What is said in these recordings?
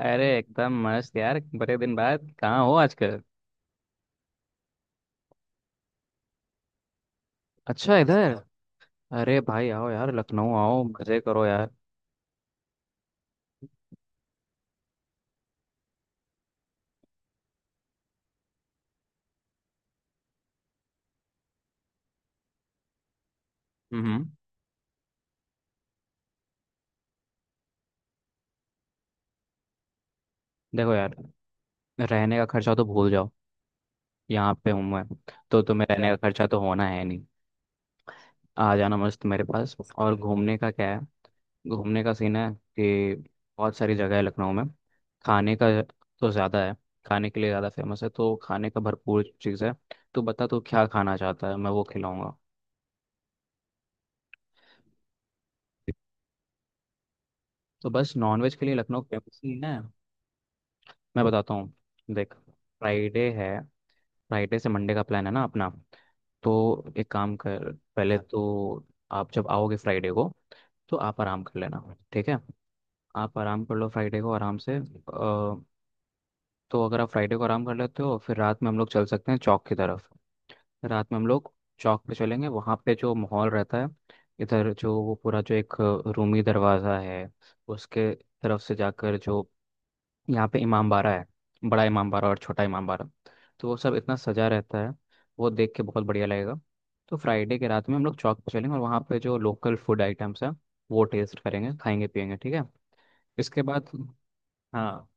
अरे एकदम मस्त यार, बड़े दिन बाद। कहाँ हो आजकल? अच्छा इधर। अरे भाई आओ यार, लखनऊ आओ, मजे करो यार। हम्म। देखो यार, रहने का खर्चा तो भूल जाओ, यहाँ पे हूँ मैं, तो तुम्हें रहने अच्छा का खर्चा तो होना है नहीं। आ जाना मस्त मेरे पास। और घूमने का क्या है, घूमने का सीन है कि बहुत सारी जगह है लखनऊ में। खाने का तो ज़्यादा है, खाने के लिए ज़्यादा फेमस है, तो खाने का भरपूर चीज़ है। तो बता तू क्या खाना चाहता है, मैं वो खिलाऊंगा। तो बस नॉनवेज के लिए लखनऊ फेमस ही है। मैं बताता हूँ, देख, फ्राइडे है, फ्राइडे से मंडे का प्लान है ना अपना। तो एक काम कर, पहले तो आप जब आओगे फ्राइडे को तो आप आराम कर लेना, ठीक है। आप आराम कर लो फ्राइडे को आराम से। तो अगर आप फ्राइडे को आराम कर लेते हो फिर रात में हम लोग चल सकते हैं चौक की तरफ। रात में हम लोग चौक पे चलेंगे, वहाँ पे जो माहौल रहता है। इधर जो वो पूरा जो एक रूमी दरवाज़ा है, उसके तरफ से जाकर जो यहाँ पे इमाम बाड़ा है, बड़ा इमाम बाड़ा और छोटा इमाम बाड़ा, तो वो सब इतना सजा रहता है। वो देख के बहुत बढ़िया लगेगा। तो फ्राइडे के रात में हम लोग चौक पे चलेंगे और वहाँ पे जो लोकल फूड आइटम्स हैं वो टेस्ट करेंगे, खाएंगे, पिएंगे, ठीक है। इसके बाद, हाँ,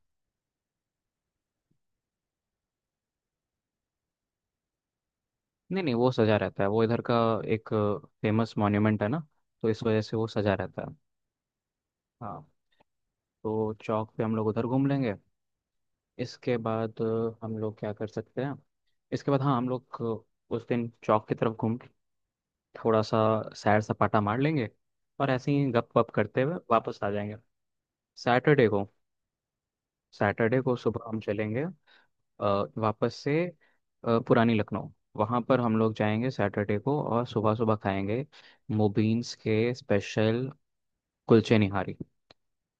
नहीं नहीं, वो सजा रहता है, वो इधर का एक फेमस मॉन्यूमेंट है ना, तो इस वजह से वो सजा रहता है। हाँ। तो चौक पे हम लोग उधर घूम लेंगे। इसके बाद हम लोग क्या कर सकते हैं। इसके बाद हाँ, हम लोग उस दिन चौक की तरफ घूम, थोड़ा सा सैर सपाटा मार लेंगे और ऐसे ही गप वप करते हुए वापस आ जाएंगे। सैटरडे को, सैटरडे को सुबह हम चलेंगे, अ, वापस से पुरानी लखनऊ वहाँ पर हम लोग जाएंगे सैटरडे को, और सुबह सुबह खाएंगे मोबीन्स के स्पेशल कुलचे निहारी,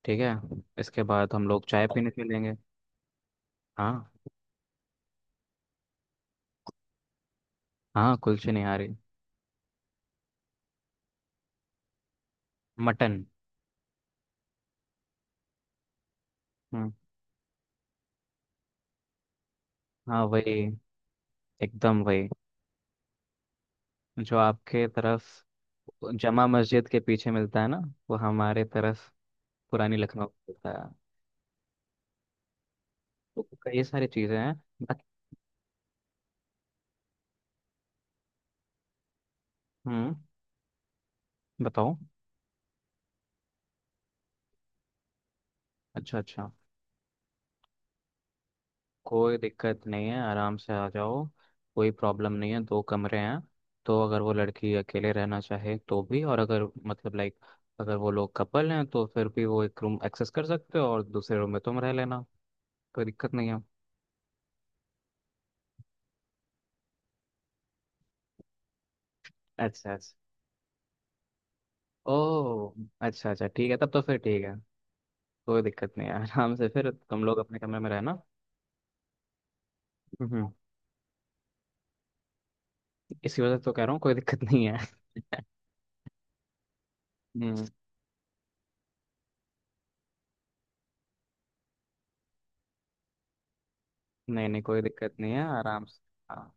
ठीक है। इसके बाद हम लोग चाय पीने चलेंगे। हाँ हाँ, कुलचे निहारी, मटन। हम्म। हाँ वही, एकदम वही, जो आपके तरफ जमा मस्जिद के पीछे मिलता है ना, वो हमारे तरफ पुरानी लखनऊ में होता है। तो ये सारी चीज़ें हैं। बत- हम्म, बताओ। अच्छा अच्छा, कोई दिक्कत नहीं है, आराम से आ जाओ। कोई प्रॉब्लम नहीं है, दो कमरे हैं। तो अगर वो लड़की अकेले रहना चाहे तो भी, और अगर मतलब लाइक, अगर वो लोग कपल हैं तो फिर भी वो एक रूम एक्सेस कर सकते हो और दूसरे रूम में तुम रह लेना। कोई दिक्कत नहीं है। अच्छा अच्छा। ओह, अच्छा अच्छा, ठीक है, तब तो फिर ठीक है। कोई दिक्कत नहीं है, आराम से फिर तुम लोग अपने कमरे में रहना। हम्म। इसी वजह से तो कह रहा हूँ कोई दिक्कत नहीं है। हम्म। नहीं नहीं, कोई दिक्कत नहीं है, आराम से। हाँ।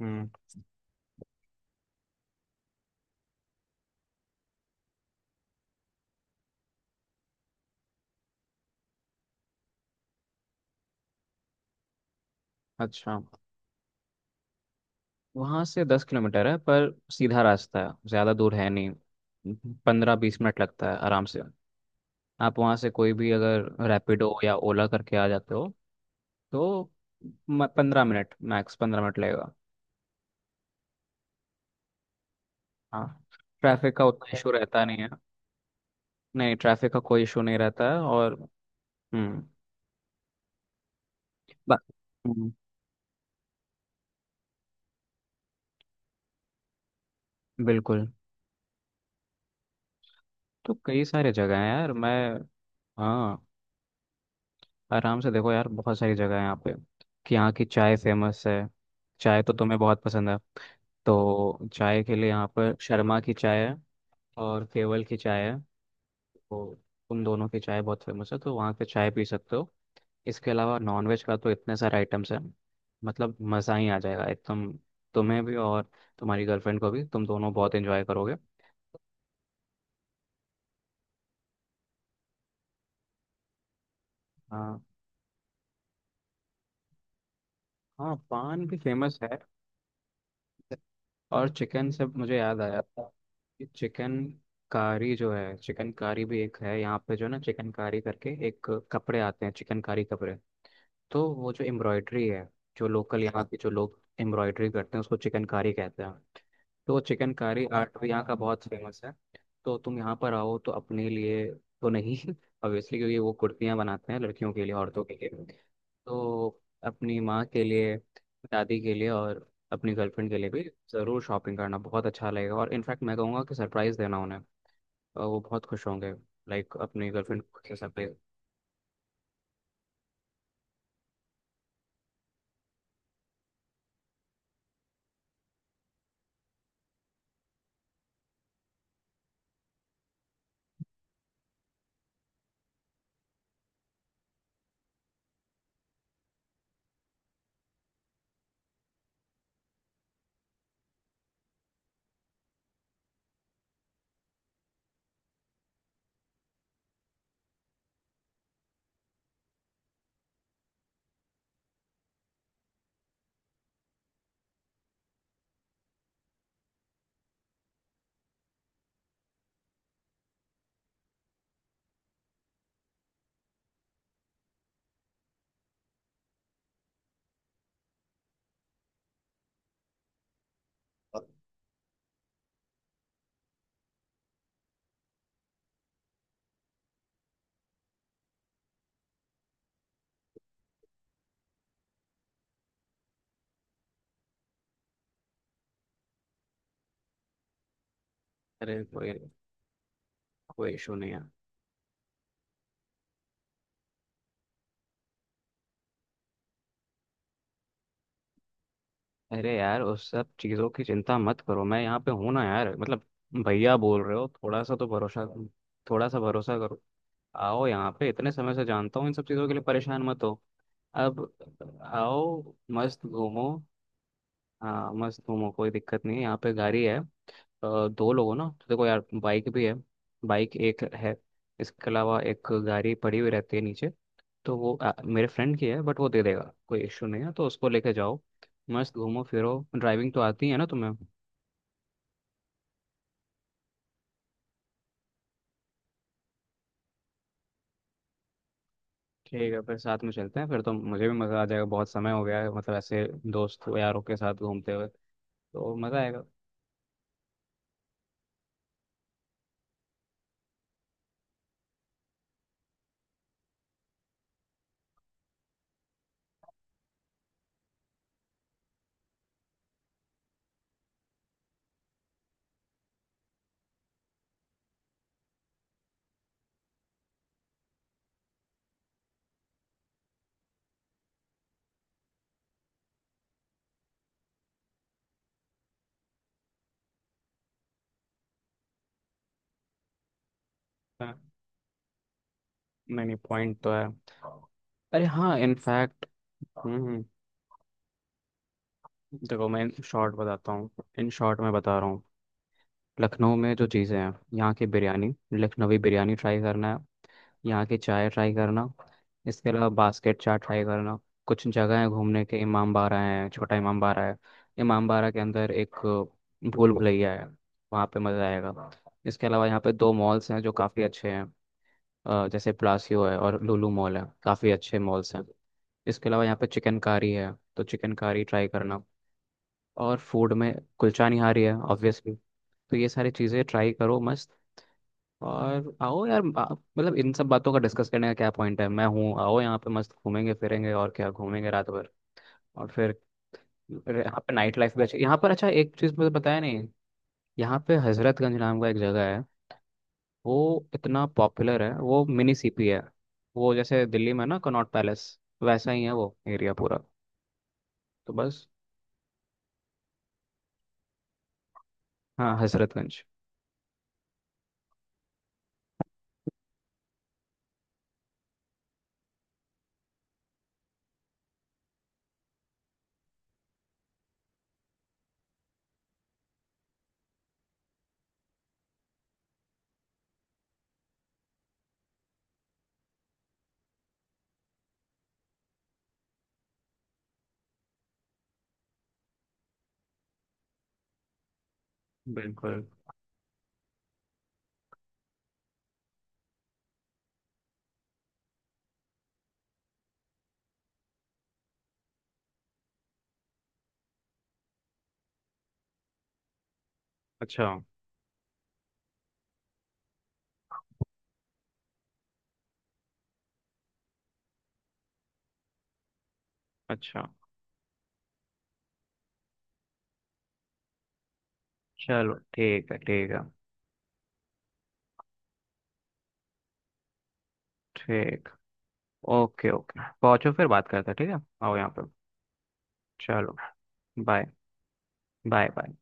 हम्म। अच्छा, वहाँ से 10 किलोमीटर है, पर सीधा रास्ता है, ज़्यादा दूर है नहीं। 15-20 मिनट लगता है आराम से। आप वहाँ से कोई भी अगर रैपिडो या ओला करके आ जाते हो तो 15 मिनट, मैक्स 15 मिनट लगेगा। हाँ, ट्रैफिक का उतना इशू रहता नहीं है। नहीं, ट्रैफिक का कोई इशू नहीं रहता है और हम्म, बा- हम्म, बिल्कुल। तो कई सारे जगह हैं यार। मैं, हाँ, आराम से। देखो यार, बहुत सारी जगह है यहाँ पे। कि यहाँ की चाय फेमस है, चाय तो तुम्हें बहुत पसंद है। तो चाय के लिए यहाँ पर शर्मा की चाय है और केवल की चाय है। तो उन दोनों की चाय बहुत फेमस है, तो वहाँ पे चाय पी सकते हो। इसके अलावा नॉनवेज का तो इतने सारे आइटम्स हैं, मतलब मज़ा ही आ जाएगा एकदम, तुम्हें भी और तुम्हारी गर्लफ्रेंड को भी, तुम दोनों बहुत एंजॉय करोगे। हाँ, हाँ, पान भी फेमस है। और चिकन से मुझे याद आया कि चिकन कारी जो है, चिकन कारी भी एक है यहाँ पे। जो ना चिकन कारी करके एक कपड़े आते हैं, चिकन कारी कपड़े, तो वो जो एम्ब्रॉयडरी है, जो लोकल यहाँ के जो लोग एम्ब्रॉयडरी करते हैं उसको चिकन कारी कहते हैं। तो चिकन कारी आर्ट भी यहाँ का बहुत फेमस है। तो तुम यहाँ पर आओ तो अपने लिए तो नहीं, ऑब्वियसली क्योंकि वो कुर्तियाँ बनाते हैं लड़कियों के लिए, औरतों के लिए। तो अपनी माँ के लिए, दादी के लिए, और अपनी गर्लफ्रेंड के लिए भी ज़रूर शॉपिंग करना, बहुत अच्छा लगेगा। और इनफैक्ट मैं कहूँगा कि सरप्राइज़ देना उन्हें, और वो बहुत खुश होंगे, लाइक अपनी गर्लफ्रेंड से सरप्राइज। अरे कोई, कोई इशू नहीं है। अरे यार, उस सब चीज़ों की चिंता मत करो, मैं यहाँ पे हूँ ना यार, मतलब भैया बोल रहे हो, थोड़ा सा तो भरोसा, थोड़ा सा भरोसा करो। आओ यहाँ पे, इतने समय से जानता हूँ, इन सब चीज़ों के लिए परेशान मत हो। अब आओ, मस्त घूमो। हाँ मस्त घूमो, कोई दिक्कत नहीं है, यहाँ पे गाड़ी है। दो लोग हो ना, तो देखो यार बाइक भी है, बाइक एक है, इसके अलावा एक गाड़ी पड़ी हुई रहती है नीचे। तो वो मेरे फ्रेंड की है बट वो दे देगा, कोई इश्यू नहीं है, तो उसको लेके जाओ। मस्त घूमो फिरो। ड्राइविंग तो आती है ना तुम्हें? ठीक है फिर साथ में चलते हैं, फिर तो मुझे भी मज़ा आ जाएगा, बहुत समय हो गया है मतलब ऐसे दोस्त यारों के साथ घूमते हुए। तो मज़ा आएगा। हाँ, नहीं नहीं, पॉइंट तो है। अरे हाँ इनफैक्ट, देखो मैं शॉर्ट बताता हूँ, इन शॉर्ट मैं बता रहा हूँ, लखनऊ में जो चीज़ें हैं, यहाँ की बिरयानी, लखनवी बिरयानी ट्राई करना है, यहाँ की चाय ट्राई करना, इसके अलावा बास्केट चाट ट्राई करना। कुछ जगह है घूमने के, इमाम बाड़ा है, छोटा इमाम बाड़ा है, इमाम बाड़ा के अंदर एक भूल भुलैया है, वहाँ पे मज़ा आएगा। इसके अलावा यहाँ पे दो मॉल्स हैं जो काफ़ी अच्छे हैं, जैसे प्लासियो है और लुलु मॉल है, काफ़ी अच्छे मॉल्स हैं। इसके अलावा यहाँ पे चिकनकारी है, तो चिकनकारी ट्राई करना। और फूड में कुलचा निहारी है ऑब्वियसली। तो ये सारी चीज़ें ट्राई करो मस्त। और आओ यार, मतलब इन सब बातों का डिस्कस करने का क्या पॉइंट है, मैं हूँ, आओ यहाँ पे मस्त घूमेंगे फिरेंगे, और क्या घूमेंगे रात भर। और फिर, अरे, यहाँ पे नाइट लाइफ भी अच्छी, यहाँ पर अच्छा एक चीज़ मुझे बताया नहीं। यहाँ पे हजरतगंज नाम का एक जगह है, वो इतना पॉपुलर है, वो मिनी सीपी है। वो जैसे दिल्ली में ना कनॉट पैलेस वैसा ही है, वो एरिया पूरा। तो बस। हाँ हजरतगंज। बिल्कुल। अच्छा अच्छा। चलो ठीक है ठीक है। ठीक, ओके ओके, पहुंचो फिर बात करते हैं, ठीक है। आओ यहाँ पे, चलो। Bye, bye bye.